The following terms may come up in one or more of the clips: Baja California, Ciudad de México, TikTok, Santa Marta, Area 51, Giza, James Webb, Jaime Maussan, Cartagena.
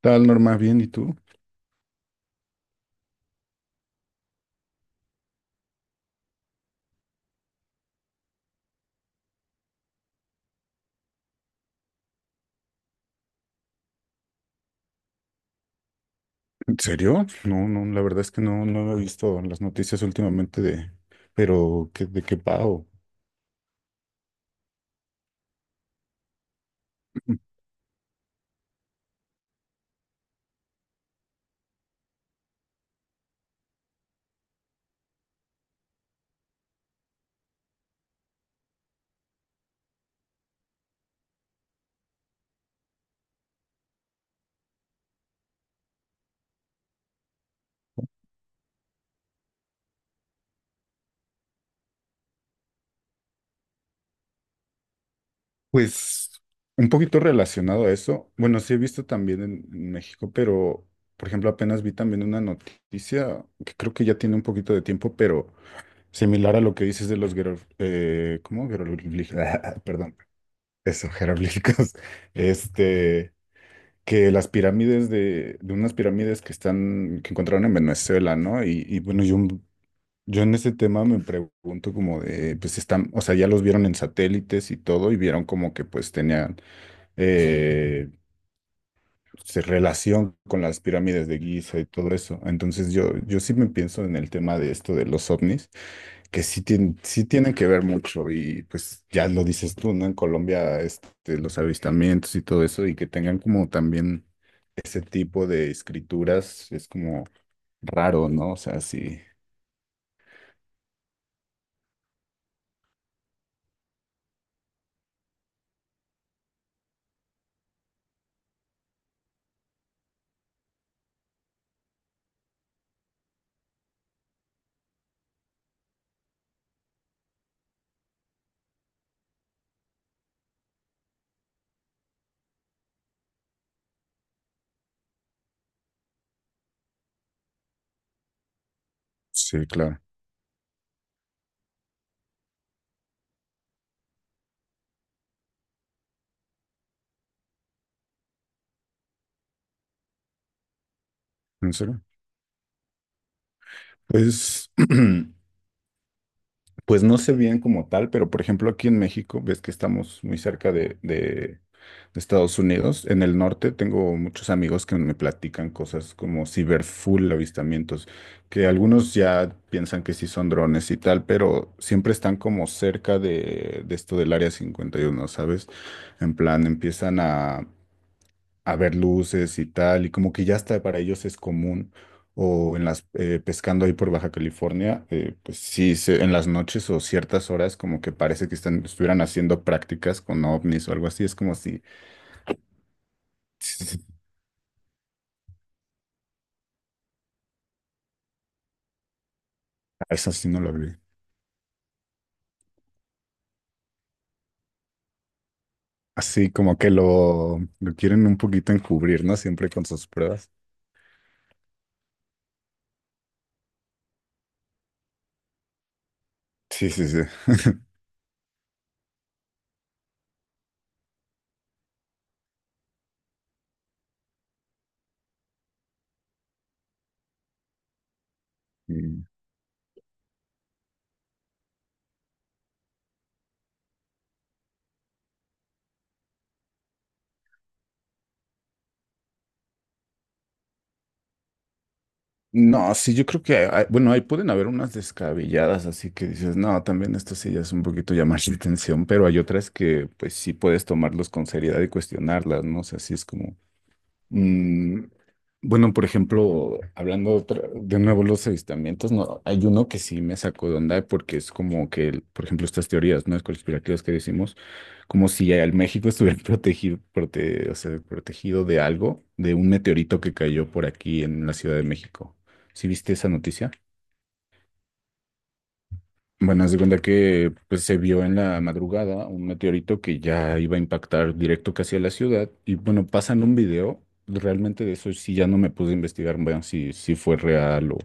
Tal, Norma, bien, ¿y tú? ¿En serio? No, la verdad es que no he visto las noticias últimamente pero ¿de qué pago? Pues un poquito relacionado a eso. Bueno, sí he visto también en México, pero por ejemplo, apenas vi también una noticia que creo que ya tiene un poquito de tiempo, pero similar a lo que dices de los guerreros, ¿cómo? Jeroglíficos, perdón, eso, jeroglíficos. Este. Que las pirámides de unas pirámides que están, que encontraron en Venezuela, ¿no? Y bueno, yo en ese tema me pregunto como de, pues están, o sea, ya los vieron en satélites y todo, y vieron como que pues tenían eh, relación con las pirámides de Giza y todo eso. Entonces yo sí me pienso en el tema de esto de los ovnis, que sí tienen que ver mucho, y pues ya lo dices tú, ¿no? En Colombia, este, los avistamientos y todo eso, y que tengan como también ese tipo de escrituras es como raro, ¿no? O sea, sí. Sí, claro. ¿En serio? Pues, pues no sé bien como tal, pero por ejemplo aquí en México, ves que estamos muy cerca de Estados Unidos. En el norte tengo muchos amigos que me platican cosas como ciberfull avistamientos, que algunos ya piensan que sí son drones y tal, pero siempre están como cerca de esto del área 51, ¿sabes? En plan, empiezan a ver luces y tal, y como que ya hasta para ellos es común, o en las pescando ahí por Baja California, pues sí, se- en las noches o ciertas horas como que parece que estuvieran haciendo prácticas con ovnis o algo así, es como si, eso sí no lo vi. Así como que lo quieren un poquito encubrir, ¿no? Siempre con sus pruebas. Sí, sí, sí. Mm. No, sí, yo creo que, hay- bueno, ahí pueden haber unas descabelladas, así que dices, no, también esto sí ya es un poquito llamar la atención, pero hay otras que pues sí puedes tomarlos con seriedad y cuestionarlas, ¿no? O sea, sí es como, mm, bueno, por ejemplo, de nuevo los avistamientos, no, hay uno que sí me sacó de onda porque es como que, por ejemplo, estas teorías, ¿no? Conspirativas que decimos, como si el México estuviera o sea, protegido de algo, de un meteorito que cayó por aquí en la Ciudad de México. ¿Sí viste esa noticia? Bueno, haz de cuenta que pues, se vio en la madrugada un meteorito que ya iba a impactar directo casi a la ciudad. Y bueno, pasan un video. Realmente de eso sí ya no me pude investigar, bueno, si fue real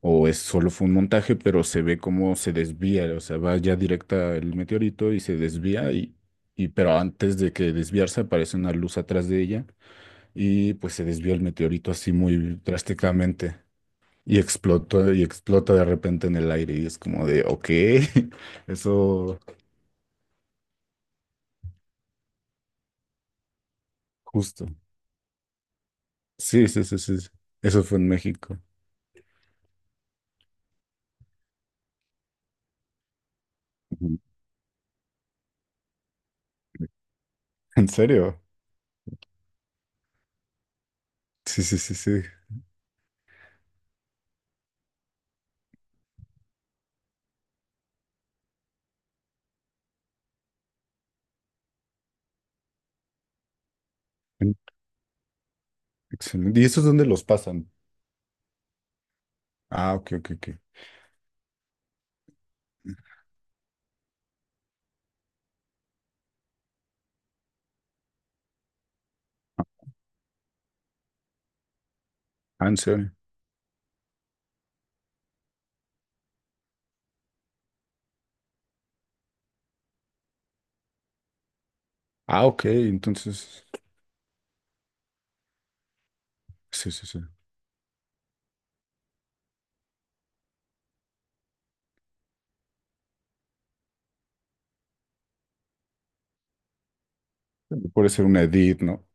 o es, solo fue un montaje, pero se ve cómo se desvía, o sea, va ya directa el meteorito y se desvía, y pero antes de que desviarse aparece una luz atrás de ella y pues se desvía el meteorito así muy drásticamente. Y explota de repente en el aire y es como de, ok, eso justo. Sí, sí, sí, sí, sí. Eso fue en México. Ujú. ¿En serio? Sí, sí, sí, sí. Mm, excelente. ¿Y esos dónde los pasan? Ah, ok, ok, ok. Ah, ¿en serio? Ah, ok, entonces, sí, sí, sí. Puede ser una edit, ¿no?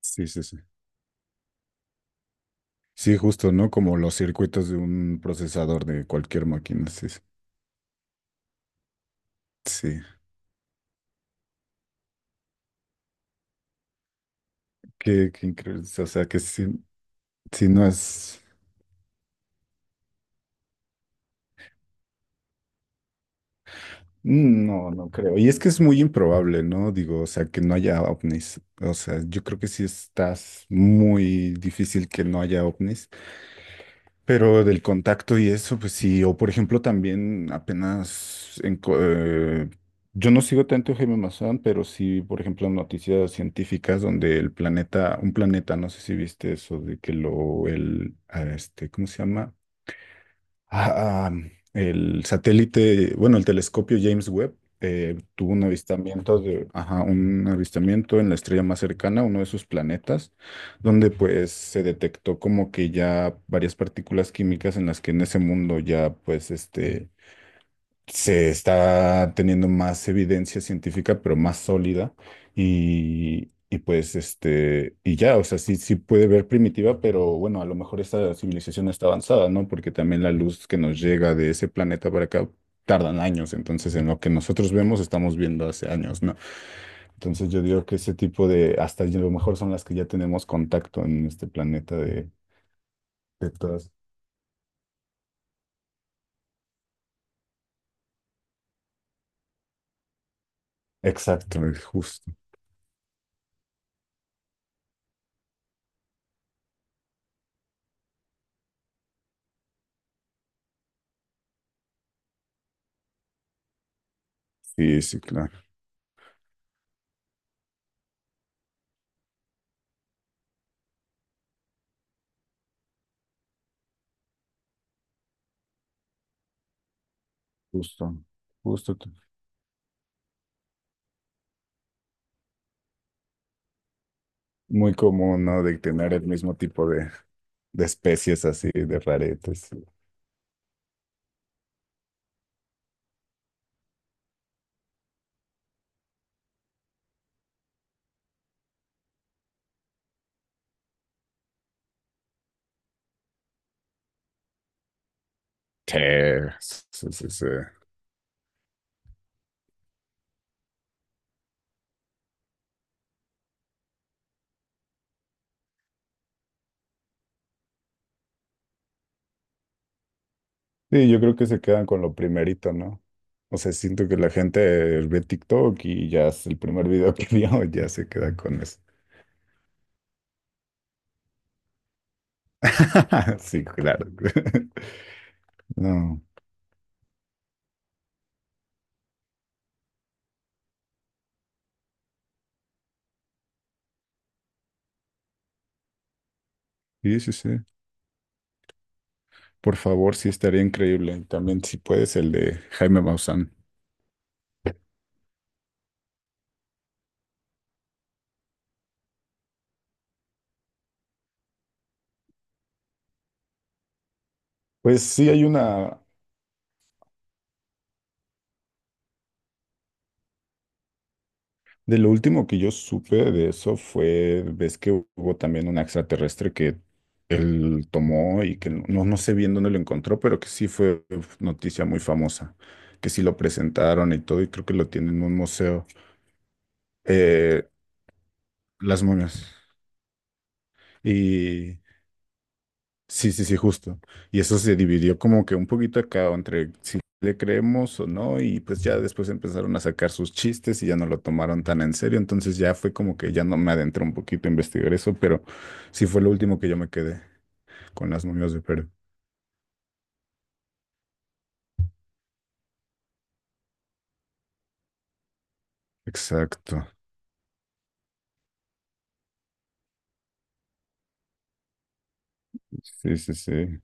Sí, sí, sí. Sí, justo, ¿no? Como los circuitos de un procesador de cualquier máquina, sí. Sí, sí, qué, qué increíble. O sea, que si, si no es... mm, no, no creo. Y es que es muy improbable, ¿no? Digo, o sea, que no haya ovnis. O sea, yo creo que sí estás muy difícil que no haya ovnis. Pero del contacto y eso, pues sí, o por ejemplo también apenas, yo no sigo tanto a Jaime Maussan, pero sí, por ejemplo, noticias científicas donde un planeta, no sé si viste eso, de que ah, este, ¿cómo se llama? Ah, ah, bueno, el telescopio James Webb tuvo un avistamiento de, ajá, un avistamiento en la estrella más cercana, uno de sus planetas, donde pues se detectó como que ya varias partículas químicas en las que en ese mundo ya pues este se está teniendo más evidencia científica, pero más sólida. Y pues, este, y ya, o sea, sí, sí puede ver primitiva, pero bueno, a lo mejor esta civilización está avanzada, ¿no? Porque también la luz que nos llega de ese planeta para acá tardan años. Entonces, en lo que nosotros vemos, estamos viendo hace años, ¿no? Entonces, yo digo que ese tipo de, hasta a lo mejor son las que ya tenemos contacto en este planeta de todas. Exacto, justo. Sí, sí, claro. Justo, justo. Muy común, ¿no? De tener el mismo tipo de especies así, de raretes. Sí, sí, sí, sí. Sí, yo creo que se quedan con lo primerito, ¿no? O sea, siento que la gente ve TikTok y ya es el primer video que vio, ya se queda con eso. Sí, claro. No, sí, sí, sí. Por favor, sí estaría increíble. También, si puedes, el de Jaime Maussan. Pues sí, hay una. De lo último que yo supe de eso fue, ves que hubo también un extraterrestre que él tomó y que no, no sé bien dónde lo encontró, pero que sí fue uf, noticia muy famosa, que sí lo presentaron y todo, y creo que lo tienen en un museo, eh, las momias. Y sí, sí, sí, justo. Y eso se dividió como que un poquito acá entre si le creemos o no, y pues ya después empezaron a sacar sus chistes y ya no lo tomaron tan en serio, entonces ya fue como que ya no me adentré un poquito a investigar eso, pero sí fue lo último que yo me quedé con las momias de Perú. Exacto. Sí, sí, sí.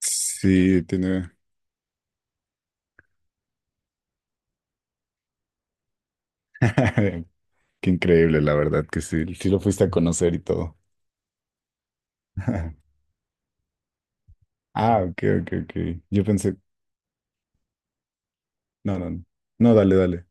Sí, tiene... Qué increíble, la verdad, que sí, sí lo fuiste a conocer y todo. Ah, ok, ok, ok. Yo pensé... No, no, no, no, dale, dale.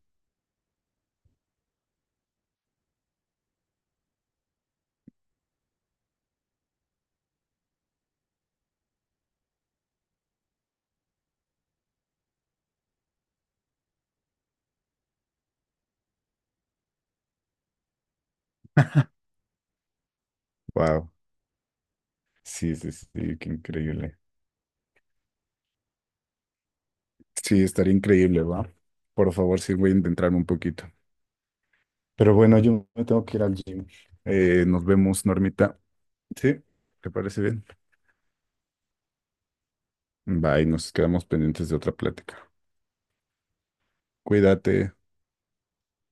Wow. Sí, sí, sí, qué increíble. Sí, estaría increíble, ¿va? Por favor, sí, voy a intentar un poquito. Pero bueno, yo me tengo que ir al gym. Nos vemos, Normita. ¿Sí? ¿Te parece bien? Bye, nos quedamos pendientes de otra plática. Cuídate.